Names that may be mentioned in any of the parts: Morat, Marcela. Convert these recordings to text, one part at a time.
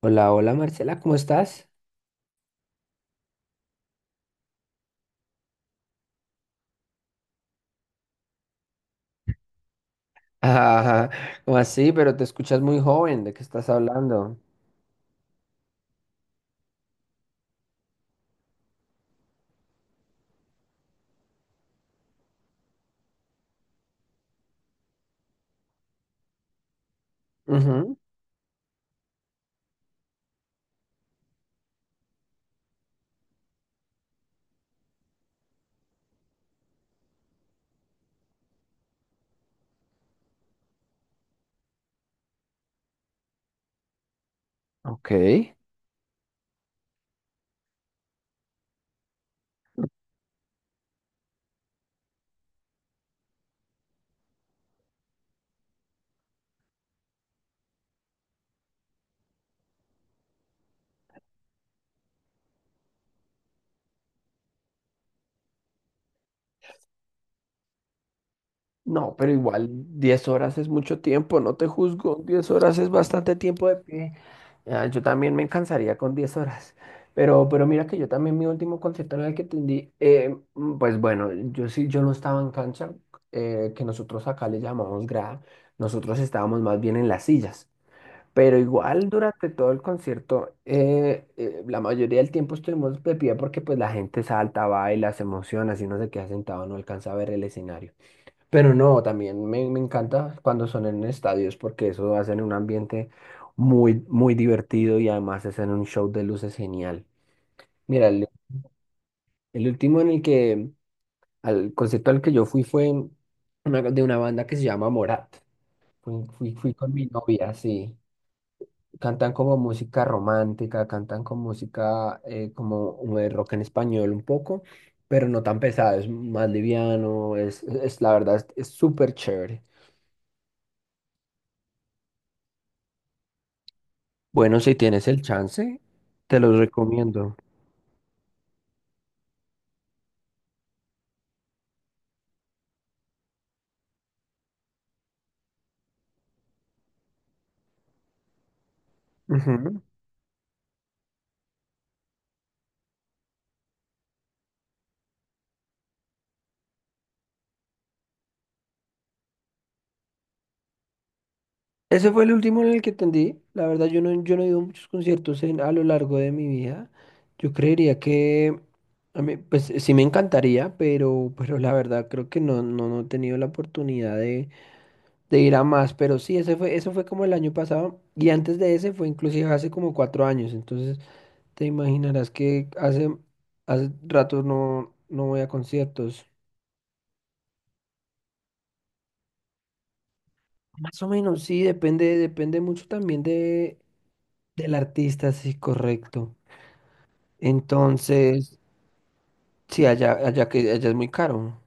Hola, hola Marcela, ¿cómo estás? Ajá, ¿cómo así? Pero te escuchas muy joven, ¿de qué estás hablando? Ujú. Ok. No, pero igual 10 horas es mucho tiempo, no te juzgo, 10 horas es bastante tiempo de pie. Ah, yo también me cansaría con 10 horas, pero mira que yo también mi último concierto en el que tendí, pues bueno, yo sí, yo no estaba en cancha, que nosotros acá le llamamos grada, nosotros estábamos más bien en las sillas. Pero igual durante todo el concierto, la mayoría del tiempo estuvimos de pie porque pues la gente salta, baila, se emociona, si uno se queda sentado no alcanza a ver el escenario. Pero no, también me encanta cuando son en estadios porque eso hacen un ambiente muy, muy divertido y además hacen un show de luces genial. Mira, el último en el que, al concierto al que yo fui fue de una banda que se llama Morat. Fui con mi novia, sí. Cantan como música romántica, cantan con música como un rock en español un poco, pero no tan pesado, es más liviano, es la verdad, es súper chévere. Bueno, si tienes el chance, te los recomiendo. Ujú. Ese fue el último en el que atendí. La verdad, yo no he ido a muchos conciertos en, a lo largo de mi vida. Yo creería que, a mí, pues sí me encantaría, pero la verdad creo que no he tenido la oportunidad de ir a más, pero sí, eso fue como el año pasado y antes de ese fue inclusive hace como 4 años, entonces te imaginarás que hace, hace rato no voy a conciertos. Más o menos, sí, depende, depende mucho también de, del artista, sí, correcto. Entonces, sí, allá que allá es muy caro.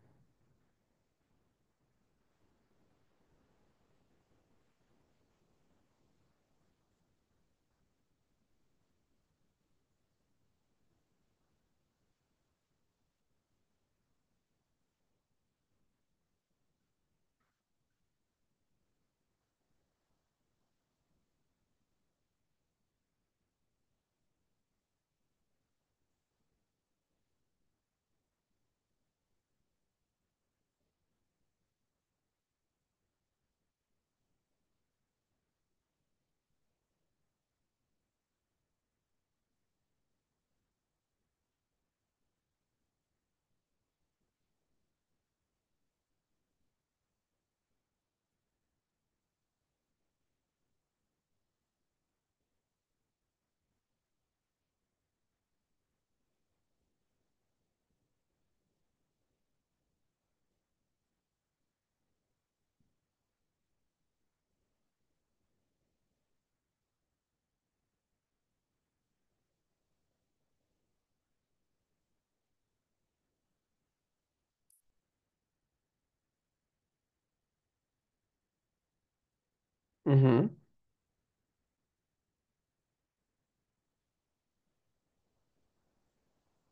Ujú.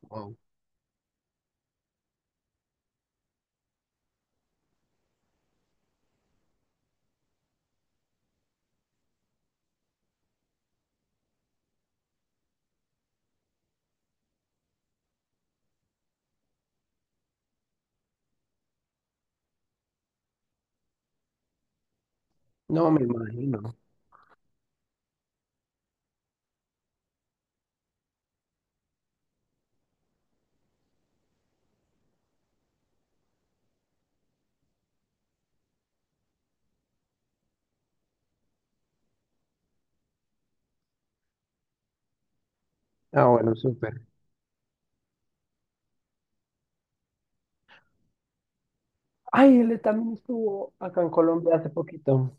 Wow. No, me imagino. Ah, bueno, súper. Ay, él también estuvo acá en Colombia hace poquito.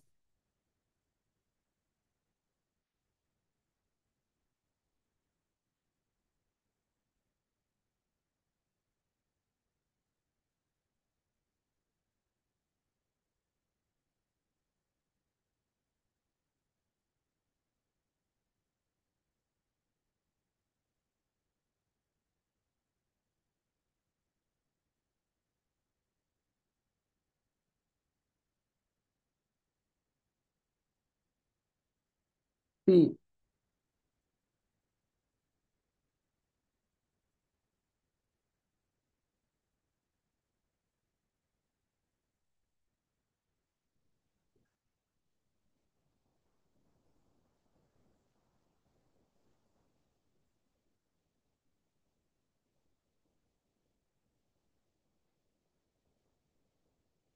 Sí.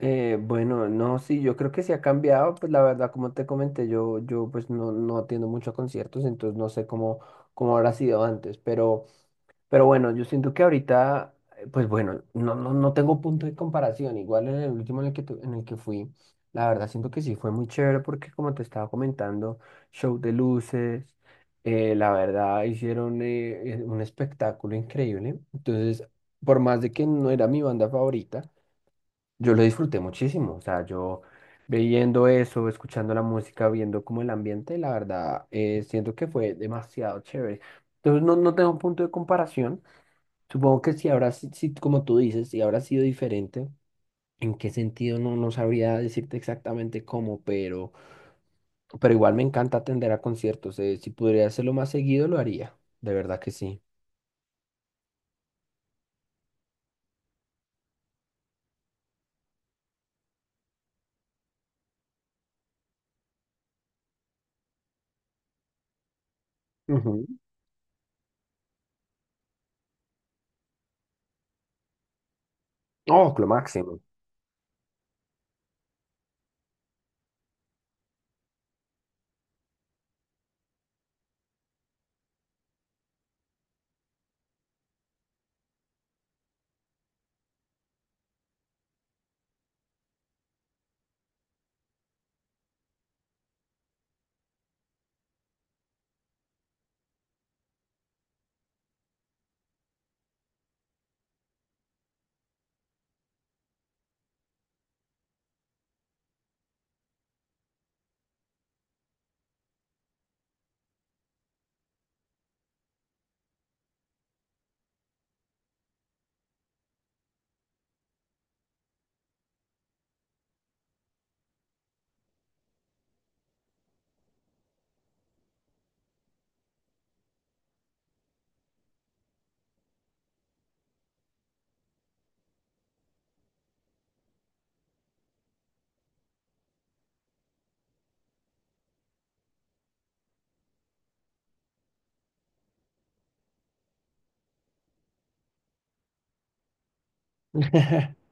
Bueno, no, sí, yo creo que sí ha cambiado, pues la verdad, como te comenté, yo pues no, no atiendo mucho a conciertos, entonces no sé cómo, cómo habrá sido antes, pero bueno, yo siento que ahorita, pues bueno, no tengo punto de comparación, igual en el último en el que, en el que fui, la verdad siento que sí fue muy chévere porque como te estaba comentando, show de luces, la verdad hicieron un espectáculo increíble, entonces por más de que no era mi banda favorita, yo lo disfruté muchísimo, o sea, yo viendo eso, escuchando la música, viendo como el ambiente, la verdad, siento que fue demasiado chévere. Entonces no, no tengo un punto de comparación. Supongo que si habrá, si, como tú dices, si habrá sido diferente, en qué sentido no, no sabría decirte exactamente cómo, pero igual me encanta atender a conciertos. Si pudiera hacerlo más seguido, lo haría. De verdad que sí. Ujú. Oh, lo máximo.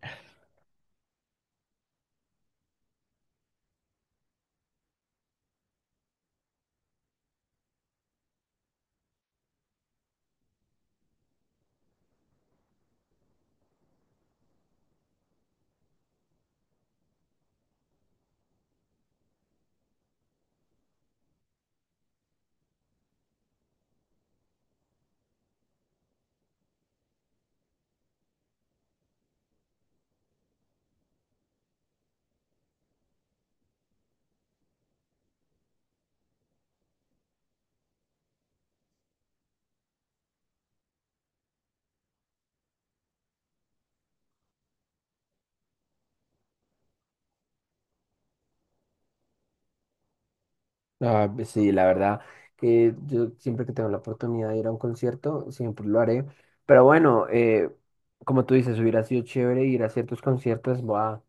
Ah, pues sí, la verdad que yo siempre que tengo la oportunidad de ir a un concierto, siempre lo haré. Pero bueno, como tú dices, hubiera sido chévere ir a ciertos conciertos.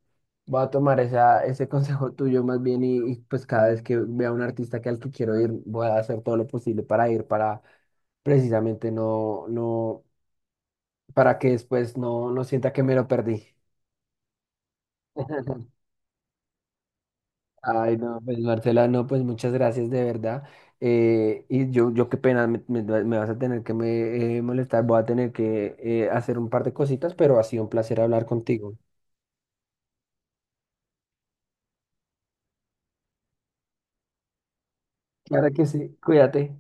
Voy a tomar esa, ese consejo tuyo más bien y, pues cada vez que vea un artista que al que quiero ir, voy a hacer todo lo posible para ir, para precisamente para que después no sienta que me lo perdí. Ay, no, pues Marcela, no, pues muchas gracias de verdad. Yo qué pena, me- me vas a tener que me, molestar, voy a tener que hacer un par de cositas, pero ha sido un placer hablar contigo. Claro que sí, cuídate.